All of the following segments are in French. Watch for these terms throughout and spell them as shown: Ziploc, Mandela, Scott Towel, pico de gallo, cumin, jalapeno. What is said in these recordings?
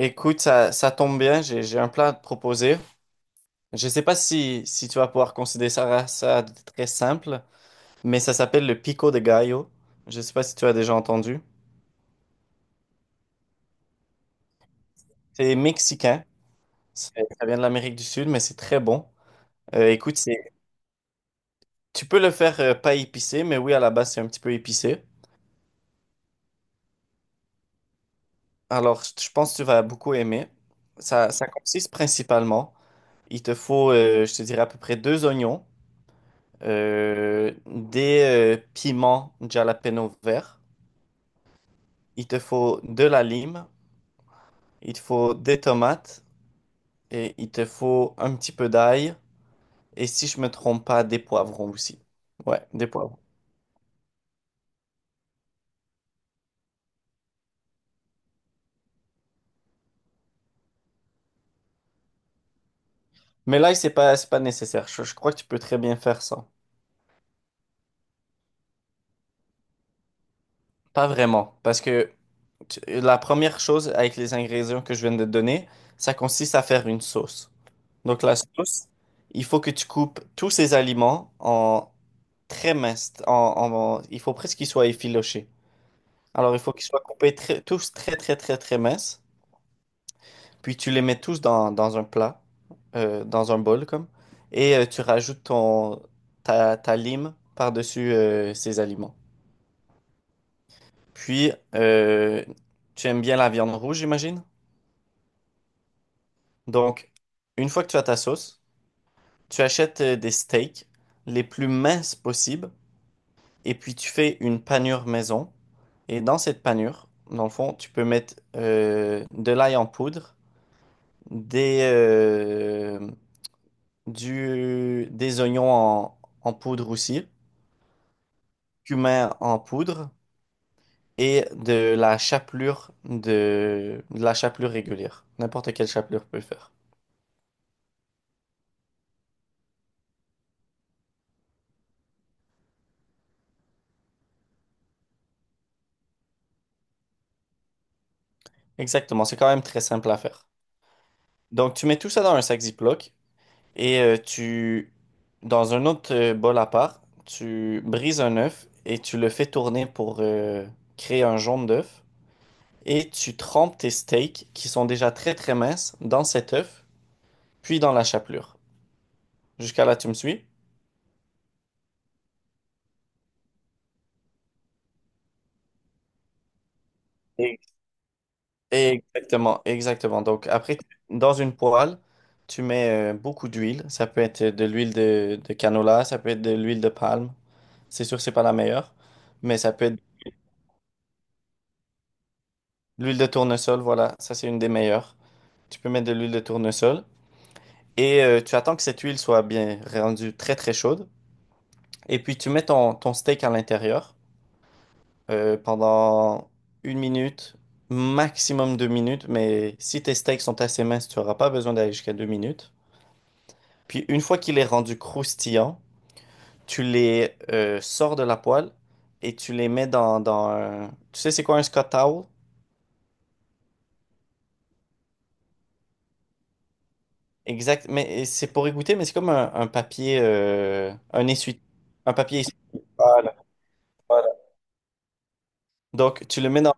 Écoute, ça tombe bien, j'ai un plat à te proposer. Je ne sais pas si tu vas pouvoir considérer ça de très simple, mais ça s'appelle le pico de gallo. Je ne sais pas si tu as déjà entendu. C'est mexicain, ça vient de l'Amérique du Sud, mais c'est très bon. Écoute, tu peux le faire pas épicé, mais oui, à la base, c'est un petit peu épicé. Alors, je pense que tu vas beaucoup aimer. Ça consiste principalement, il te faut, je te dirais, à peu près deux oignons, des piments jalapeno verts. Il te faut de la lime, il te faut des tomates et il te faut un petit peu d'ail. Et si je me trompe pas, des poivrons aussi. Ouais, des poivrons. Mais l'ail, c'est pas nécessaire. Je crois que tu peux très bien faire ça. Pas vraiment. Parce que la première chose avec les ingrédients que je viens de te donner, ça consiste à faire une sauce. Donc la sauce, il faut que tu coupes tous ces aliments en très minces. Il faut presque qu'ils soient effilochés. Alors il faut qu'ils soient coupés tous très très très très minces. Puis tu les mets tous dans un plat, dans un bol comme, et tu rajoutes ta lime par-dessus ces aliments. Puis tu aimes bien la viande rouge, j'imagine? Donc, une fois que tu as ta sauce, tu achètes des steaks les plus minces possibles, et puis tu fais une panure maison. Et dans cette panure, dans le fond, tu peux mettre de l'ail en poudre, des, euh, des oignons en poudre aussi, cumin en poudre et de la chapelure de la chapelure régulière. N'importe quelle chapelure peut le faire. Exactement, c'est quand même très simple à faire. Donc tu mets tout ça dans un sac Ziploc et tu dans un autre bol à part, tu brises un œuf et tu le fais tourner pour créer un jaune d'œuf et tu trempes tes steaks qui sont déjà très très minces dans cet œuf puis dans la chapelure. Jusqu'à là, tu me suis? Et- Exactement, exactement. Donc après, dans une poêle, tu mets beaucoup d'huile. Ça peut être de l'huile de canola, ça peut être de l'huile de palme. C'est sûr que c'est pas la meilleure, mais ça peut être l'huile de tournesol. Voilà, ça c'est une des meilleures. Tu peux mettre de l'huile de tournesol et tu attends que cette huile soit bien rendue très très chaude. Et puis tu mets ton steak à l'intérieur pendant une minute, maximum deux minutes. Mais si tes steaks sont assez minces, tu n'auras pas besoin d'aller jusqu'à deux minutes. Puis une fois qu'il est rendu croustillant, tu les sors de la poêle et tu les mets dans un... Tu sais, c'est quoi un Scott Towel? Exact, mais c'est pour égoutter, mais c'est comme un papier, un essuie, un papier essuie. Voilà, voilà. Donc tu le mets dans...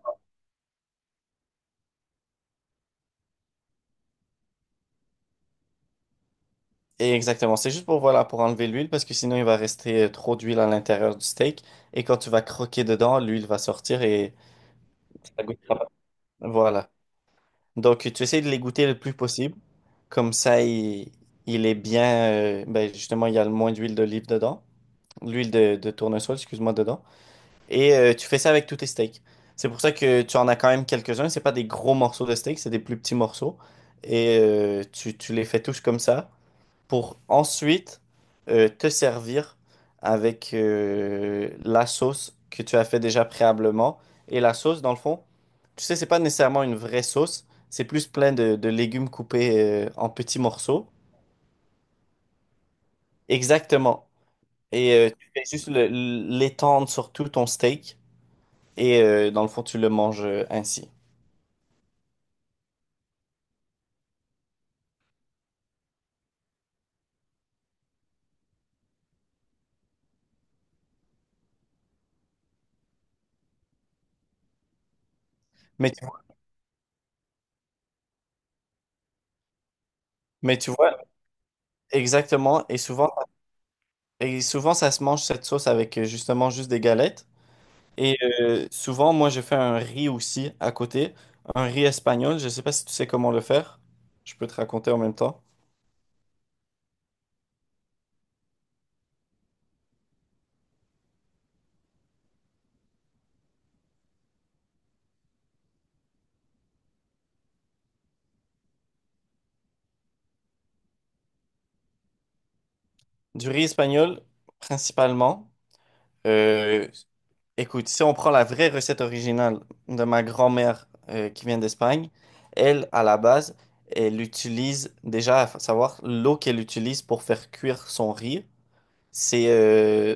Exactement, c'est juste pour, voilà, pour enlever l'huile parce que sinon il va rester trop d'huile à l'intérieur du steak et quand tu vas croquer dedans, l'huile va sortir et ça goûtera pas. Voilà. Donc, tu essaies de les goûter le plus possible. Comme ça, il est bien. Ben, justement, il y a le moins d'huile d'olive dedans. L'huile de tournesol, excuse-moi, dedans. Et tu fais ça avec tous tes steaks. C'est pour ça que tu en as quand même quelques-uns. C'est pas des gros morceaux de steak, c'est des plus petits morceaux. Et tu les fais tous comme ça pour ensuite te servir avec la sauce que tu as fait déjà préalablement. Et la sauce, dans le fond, tu sais, c'est pas nécessairement une vraie sauce, c'est plus plein de légumes coupés en petits morceaux. Exactement. Et tu fais juste l'étendre sur tout ton steak et dans le fond, tu le manges ainsi. Mais tu, mais tu vois, exactement. Et souvent, ça se mange cette sauce avec justement juste des galettes. Et souvent, moi, je fais un riz aussi à côté, un riz espagnol. Je ne sais pas si tu sais comment le faire. Je peux te raconter en même temps. Du riz espagnol, principalement. euh, Écoute, si on prend la vraie recette originale de ma grand-mère qui vient d'Espagne, elle, à la base, elle utilise déjà, à savoir, l'eau qu'elle utilise pour faire cuire son riz, c'est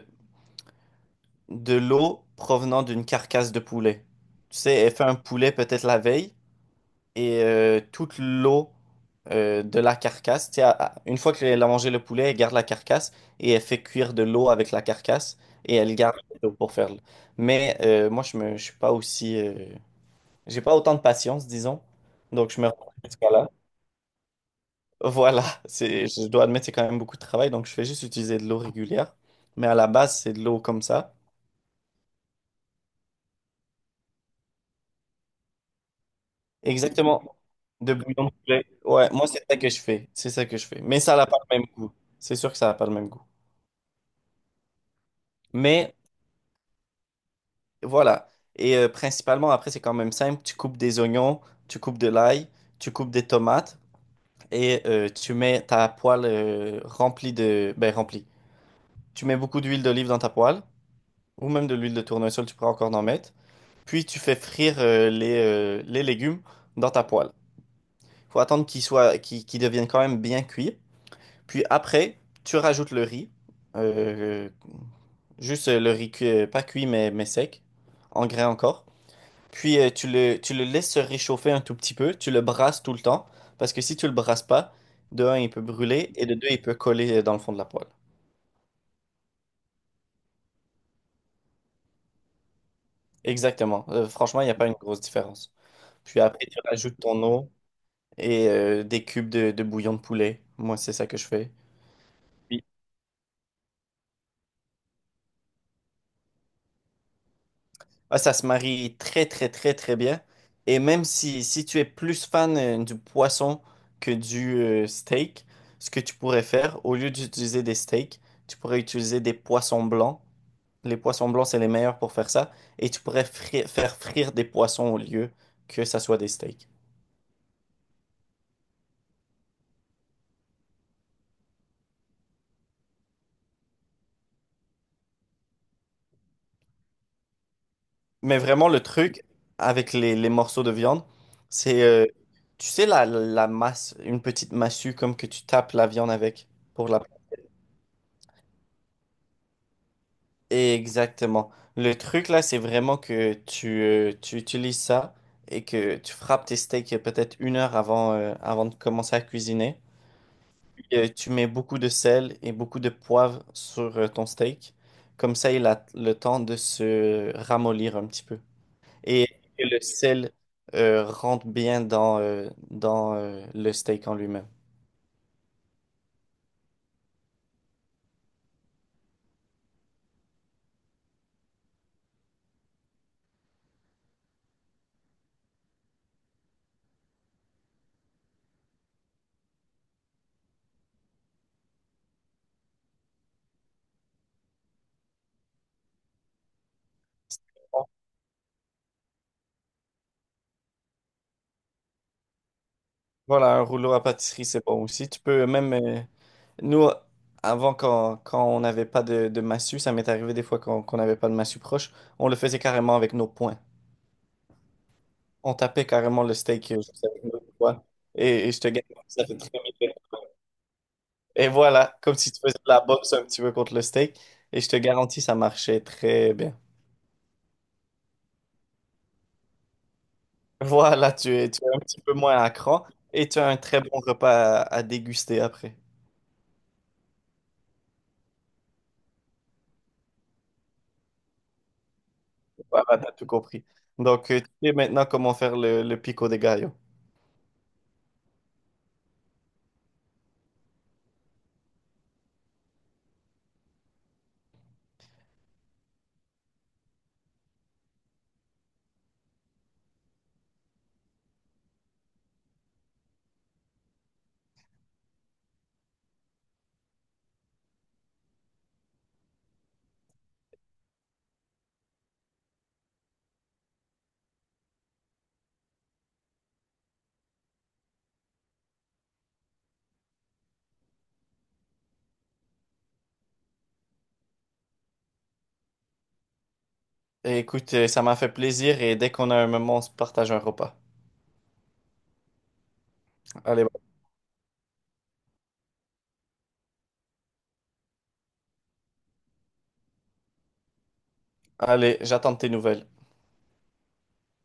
de l'eau provenant d'une carcasse de poulet. Tu sais, elle fait un poulet peut-être la veille. Et toute l'eau de la carcasse. Tu sais, une fois qu'elle a mangé le poulet, elle garde la carcasse et elle fait cuire de l'eau avec la carcasse et elle garde l'eau pour faire. Mais je suis pas aussi, j'ai pas autant de patience, disons. Donc, je me retrouve jusqu'à là. Voilà, c'est, je dois admettre, c'est quand même beaucoup de travail. Donc, je fais juste utiliser de l'eau régulière. Mais à la base, c'est de l'eau comme ça. Exactement. De bouillon de poulet. Ouais, moi, c'est ça que je fais. C'est ça que je fais. Mais ça n'a pas le même goût. C'est sûr que ça n'a pas le même goût. Mais voilà. Et principalement, après, c'est quand même simple. Tu coupes des oignons, tu coupes de l'ail, tu coupes des tomates et tu mets ta poêle remplie de... Ben, remplie. Tu mets beaucoup d'huile d'olive dans ta poêle ou même de l'huile de tournesol, tu pourras encore en mettre. Puis tu fais frire les légumes dans ta poêle. Faut attendre qu'ils soient, qu'ils deviennent quand même bien cuits. Puis après, tu rajoutes le riz. Euh, Juste le riz pas cuit, mais sec, en grains encore. Puis tu le laisses se réchauffer un tout petit peu, tu le brasses tout le temps, parce que si tu le brasses pas, de un, il peut brûler, et de deux, il peut coller dans le fond de la poêle. Exactement. Franchement, il n'y a pas une grosse différence. Puis après, tu rajoutes ton eau et des cubes de bouillon de poulet. Moi, c'est ça que je fais. Puis, ah, ça se marie très, très, très, très bien. Et même si tu es plus fan du poisson que du steak, ce que tu pourrais faire, au lieu d'utiliser des steaks, tu pourrais utiliser des poissons blancs. Les poissons blancs, c'est les meilleurs pour faire ça. Et tu pourrais faire frire des poissons au lieu que ça soit des steaks. Mais vraiment, le truc avec les morceaux de viande, c'est, euh, tu sais, la masse, une petite massue comme que tu tapes la viande avec pour la... Exactement. Le truc là, c'est vraiment que tu utilises ça et que tu frappes tes steaks peut-être une heure avant, avant de commencer à cuisiner. Tu mets beaucoup de sel et beaucoup de poivre sur ton steak. Comme ça, il a le temps de se ramollir un petit peu. Et que le sel rentre bien dans le steak en lui-même. Voilà, un rouleau à pâtisserie, c'est bon aussi. Tu peux même... nous, avant, quand on n'avait pas de massue, ça m'est arrivé des fois qu'on n'avait pas de massue proche, on le faisait carrément avec nos poings. On tapait carrément le steak juste avec nos poings. Et je te gagne, ça fait très bien. Et voilà, comme si tu faisais de la boxe un petit peu contre le steak. Et je te garantis, ça marchait très bien. Voilà, tu es un petit peu moins à cran et tu as un très bon repas à déguster après. Voilà, t'as tout compris. Donc, tu sais maintenant comment faire le pico de gallo. Et écoute, ça m'a fait plaisir et dès qu'on a un moment, on se partage un repas. Allez, allez, j'attends tes nouvelles.